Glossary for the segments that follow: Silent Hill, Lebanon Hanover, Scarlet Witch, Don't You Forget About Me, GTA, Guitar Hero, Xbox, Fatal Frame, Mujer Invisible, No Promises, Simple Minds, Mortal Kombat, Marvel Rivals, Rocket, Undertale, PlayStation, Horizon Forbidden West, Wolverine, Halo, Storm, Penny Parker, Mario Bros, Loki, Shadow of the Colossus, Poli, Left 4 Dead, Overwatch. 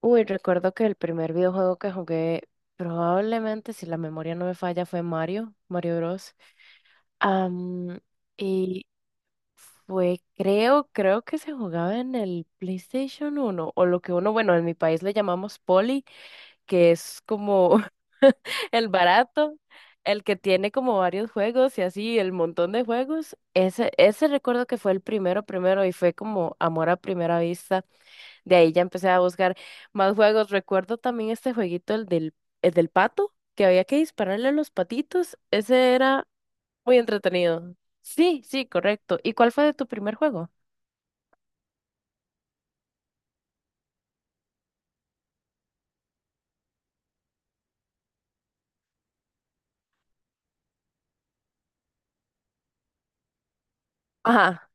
Uy, recuerdo que el primer videojuego que jugué, probablemente, si la memoria no me falla, fue Mario Bros. Am, y fue, creo que se jugaba en el PlayStation 1 o lo que uno, bueno, en mi país le llamamos Poli, que es como el barato, el que tiene como varios juegos y así, el montón de juegos. Ese recuerdo que fue el primero, primero, y fue como amor a primera vista. De ahí ya empecé a buscar más juegos. Recuerdo también este jueguito, el del pato, que había que dispararle a los patitos. Ese era muy entretenido. Sí, sí, correcto. ¿Y cuál fue de tu primer juego? Ajá.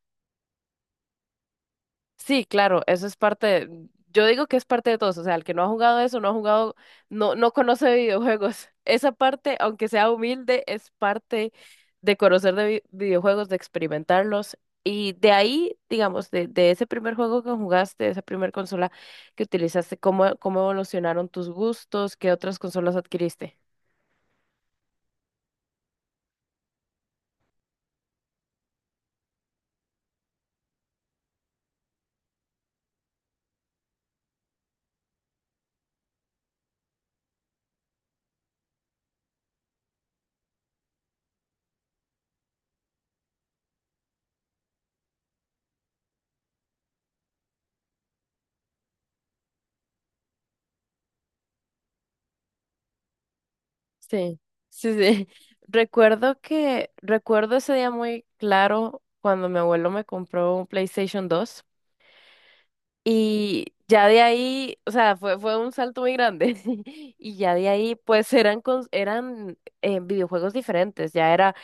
Sí, claro, eso es yo digo que es parte de todos, o sea, el que no ha jugado eso, no ha jugado, no, no conoce videojuegos. Esa parte, aunque sea humilde, es parte de conocer de videojuegos, de experimentarlos. Y de ahí, digamos, de ese primer juego que jugaste, de esa primer consola que utilizaste, ¿cómo evolucionaron tus gustos? ¿Qué otras consolas adquiriste? Sí, sí, sí. Recuerdo ese día muy claro cuando mi abuelo me compró un PlayStation 2. Y ya de ahí, o sea, fue un salto muy grande. Y ya de ahí, pues eran videojuegos diferentes. Ya era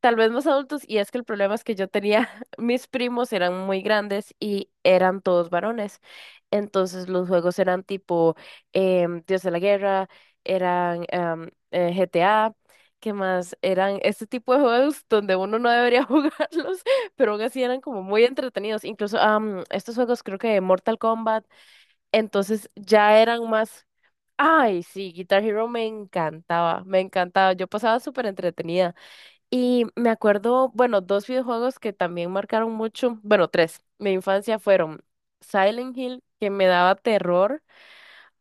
tal vez más adultos, y es que el problema es que yo tenía, mis primos eran muy grandes y eran todos varones. Entonces los juegos eran tipo Dios de la Guerra, eran GTA, ¿qué más? Eran este tipo de juegos donde uno no debería jugarlos, pero aún así eran como muy entretenidos. Incluso estos juegos creo que de Mortal Kombat, entonces ya eran más. Ay, sí, Guitar Hero me encantaba, yo pasaba súper entretenida. Y me acuerdo, bueno, dos videojuegos que también marcaron mucho, bueno, tres, mi infancia fueron Silent Hill, que me daba terror.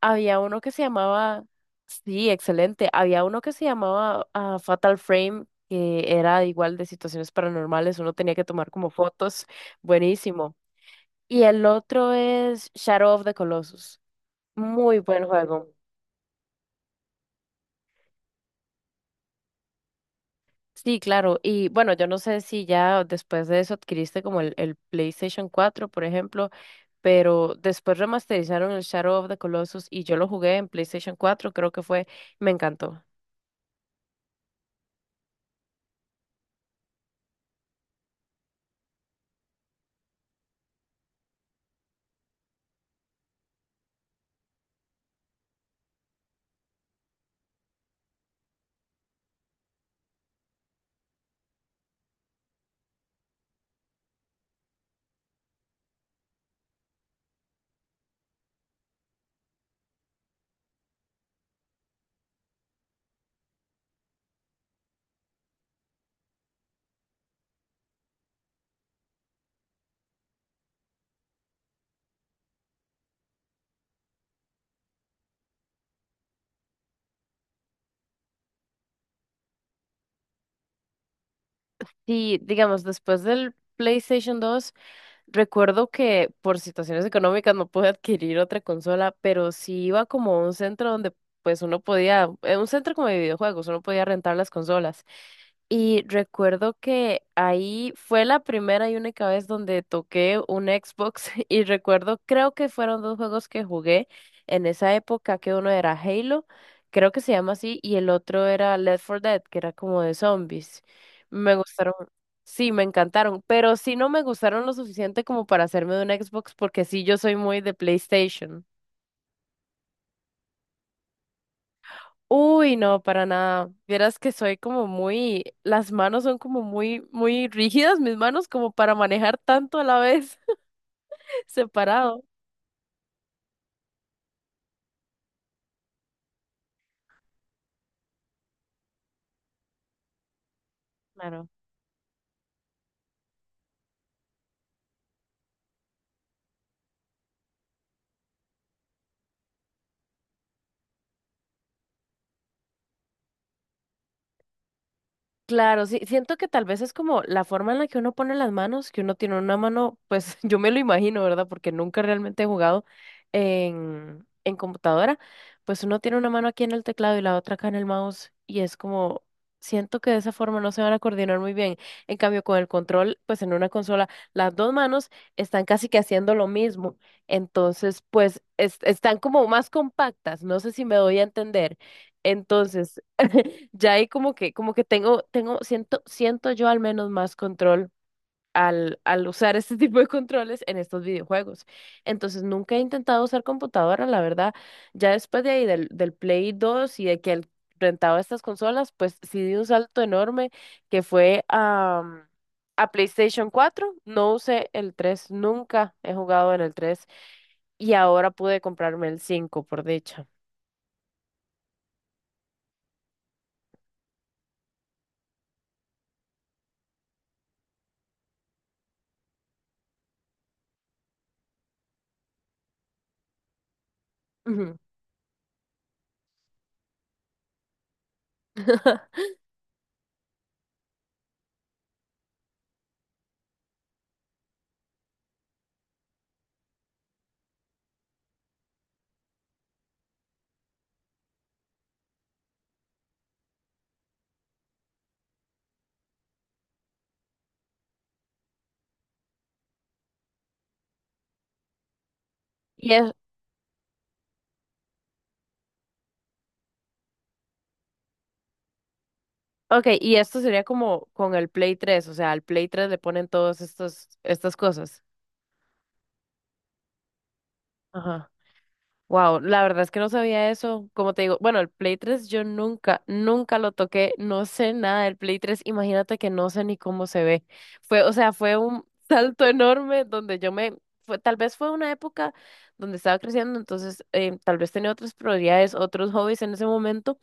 Había uno que se llamaba, sí, excelente, había uno que se llamaba Fatal Frame, que era igual de situaciones paranormales, uno tenía que tomar como fotos, buenísimo. Y el otro es Shadow of the Colossus, muy buen juego. Sí, claro. Y bueno, yo no sé si ya después de eso adquiriste como el PlayStation 4 por ejemplo, pero después remasterizaron el Shadow of the Colossus y yo lo jugué en PlayStation 4 creo que fue, me encantó. Sí, digamos, después del PlayStation 2. Recuerdo que por situaciones económicas no pude adquirir otra consola, pero sí iba como a un centro donde pues uno podía, un centro como de videojuegos, uno podía rentar las consolas. Y recuerdo que ahí fue la primera y única vez donde toqué un Xbox y recuerdo, creo que fueron dos juegos que jugué en esa época, que uno era Halo, creo que se llama así, y el otro era Left 4 Dead, que era como de zombies. Me gustaron. Sí, me encantaron, pero sí no me gustaron lo suficiente como para hacerme de un Xbox, porque sí yo soy muy de PlayStation. Uy, no, para nada. Vieras que soy como muy, las manos son como muy, muy rígidas, mis manos como para manejar tanto a la vez, separado. Claro, sí, siento que tal vez es como la forma en la que uno pone las manos, que uno tiene una mano, pues yo me lo imagino, ¿verdad? Porque nunca realmente he jugado en computadora, pues uno tiene una mano aquí en el teclado y la otra acá en el mouse y es como, siento que de esa forma no se van a coordinar muy bien. En cambio, con el control, pues en una consola, las dos manos están casi que haciendo lo mismo, entonces, pues están como más compactas, no sé si me doy a entender. Entonces. Ya ahí como que tengo, siento yo al menos más control al usar este tipo de controles en estos videojuegos. Entonces nunca he intentado usar computadora, la verdad. Ya después de ahí del Play 2 y de que rentaba estas consolas, pues sí di un salto enorme que fue a PlayStation 4. No usé el tres. Nunca he jugado en el 3 y ahora pude comprarme el 5 por dicha. Ujú. Y es, Ok, y esto sería como con el Play 3, o sea, al Play 3 le ponen todas estas cosas. Ajá. Wow, la verdad es que no sabía eso. Como te digo, bueno, el Play 3 yo nunca, nunca lo toqué, no sé nada del Play 3, imagínate que no sé ni cómo se ve. Fue, o sea, fue un salto enorme donde tal vez fue una época donde estaba creciendo, entonces tal vez tenía otras prioridades, otros hobbies en ese momento.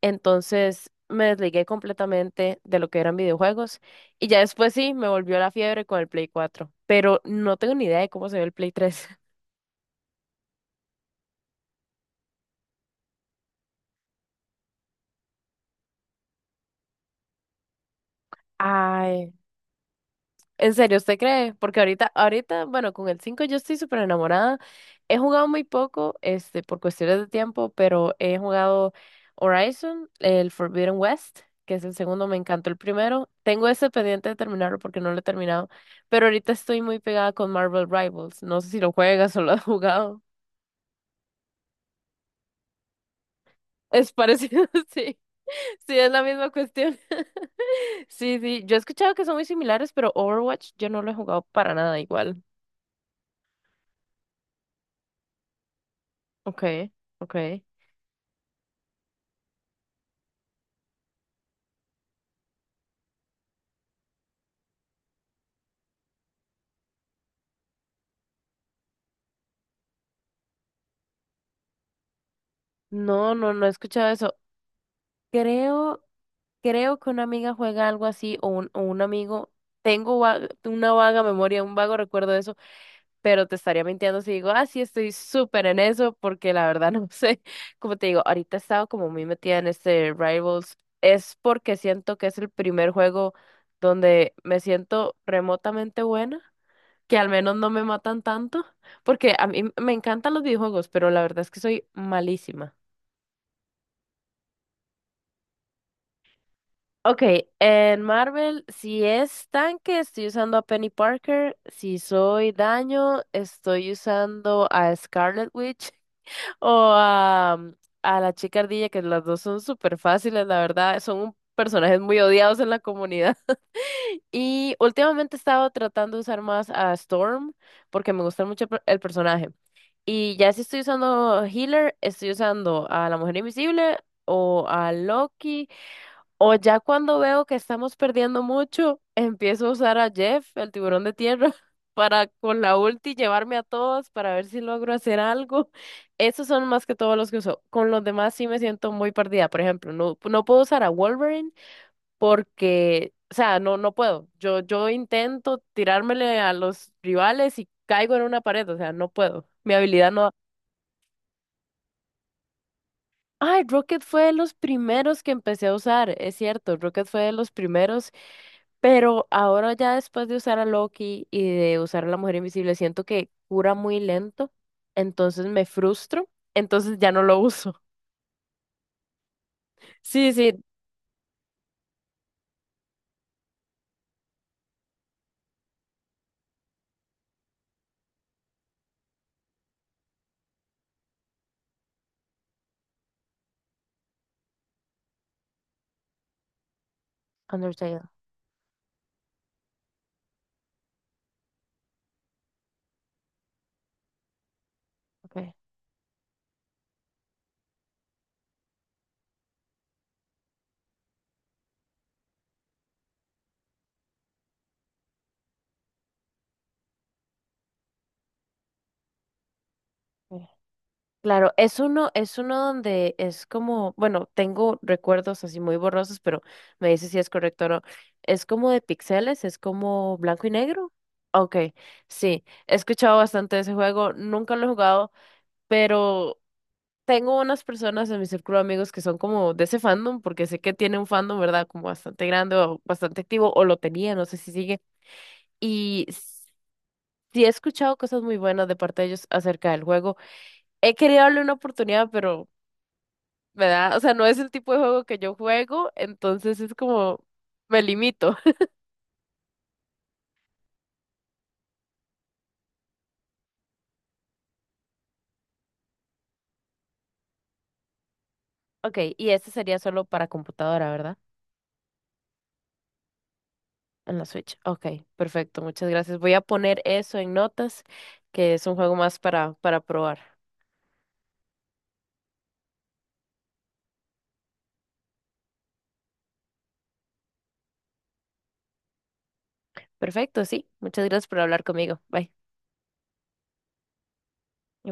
Entonces me desligué completamente de lo que eran videojuegos y ya después sí me volvió la fiebre con el Play 4 pero no tengo ni idea de cómo se ve el Play 3. Ay. ¿En serio usted cree? Porque ahorita, ahorita, bueno, con el 5 yo estoy súper enamorada. He jugado muy poco, este, por cuestiones de tiempo, pero he jugado Horizon, el Forbidden West, que es el segundo, me encantó el primero. Tengo ese pendiente de terminarlo porque no lo he terminado, pero ahorita estoy muy pegada con Marvel Rivals. No sé si lo juegas o lo has jugado. Es parecido, sí. Sí, es la misma cuestión. Sí, sí. Yo he escuchado que son muy similares, pero Overwatch yo no lo he jugado para nada igual. Okay, ok. No, no, no he escuchado eso. Creo, creo que una amiga juega algo así o un amigo. Tengo una vaga memoria, un vago recuerdo de eso, pero te estaría mintiendo si digo, ah, sí, estoy súper en eso, porque la verdad no sé. Como te digo, ahorita he estado como muy metida en este Rivals. Es porque siento que es el primer juego donde me siento remotamente buena, que al menos no me matan tanto, porque a mí me encantan los videojuegos, pero la verdad es que soy malísima. Ok, en Marvel, si es tanque, estoy usando a Penny Parker. Si soy daño, estoy usando a Scarlet Witch o a la chica ardilla, que las dos son súper fáciles, la verdad. Son personajes muy odiados en la comunidad. Y últimamente he estado tratando de usar más a Storm porque me gusta mucho el personaje. Y ya si estoy usando healer, estoy usando a la Mujer Invisible o a Loki. O ya cuando veo que estamos perdiendo mucho, empiezo a usar a Jeff, el tiburón de tierra, para con la ulti llevarme a todos para ver si logro hacer algo. Esos son más que todos los que uso. Con los demás sí me siento muy perdida. Por ejemplo, no, no puedo usar a Wolverine porque, o sea, no, no puedo. Yo intento tirármele a los rivales y caigo en una pared, o sea, no puedo. Mi habilidad no. Ay, Rocket fue de los primeros que empecé a usar, es cierto, Rocket fue de los primeros, pero ahora ya después de usar a Loki y de usar a la Mujer Invisible, siento que cura muy lento, entonces me frustro, entonces ya no lo uso. Sí, sí, Undertale, ok. Ok. Claro, es uno donde es como, bueno, tengo recuerdos así muy borrosos, pero me dice si es correcto o no. Es como de píxeles, es como blanco y negro. Ok, sí, he escuchado bastante de ese juego, nunca lo he jugado, pero tengo unas personas en mi círculo de amigos que son como de ese fandom, porque sé que tiene un fandom, ¿verdad? Como bastante grande o bastante activo, o lo tenía, no sé si sigue. Y s- sí he escuchado cosas muy buenas de parte de ellos acerca del juego. He querido darle una oportunidad, pero, ¿verdad? O sea, no es el tipo de juego que yo juego, entonces es como me limito. Ok, y este sería solo para computadora, ¿verdad? En la Switch. Ok, perfecto, muchas gracias. Voy a poner eso en notas, que es un juego más para probar. Perfecto, sí. Muchas gracias por hablar conmigo. Bye.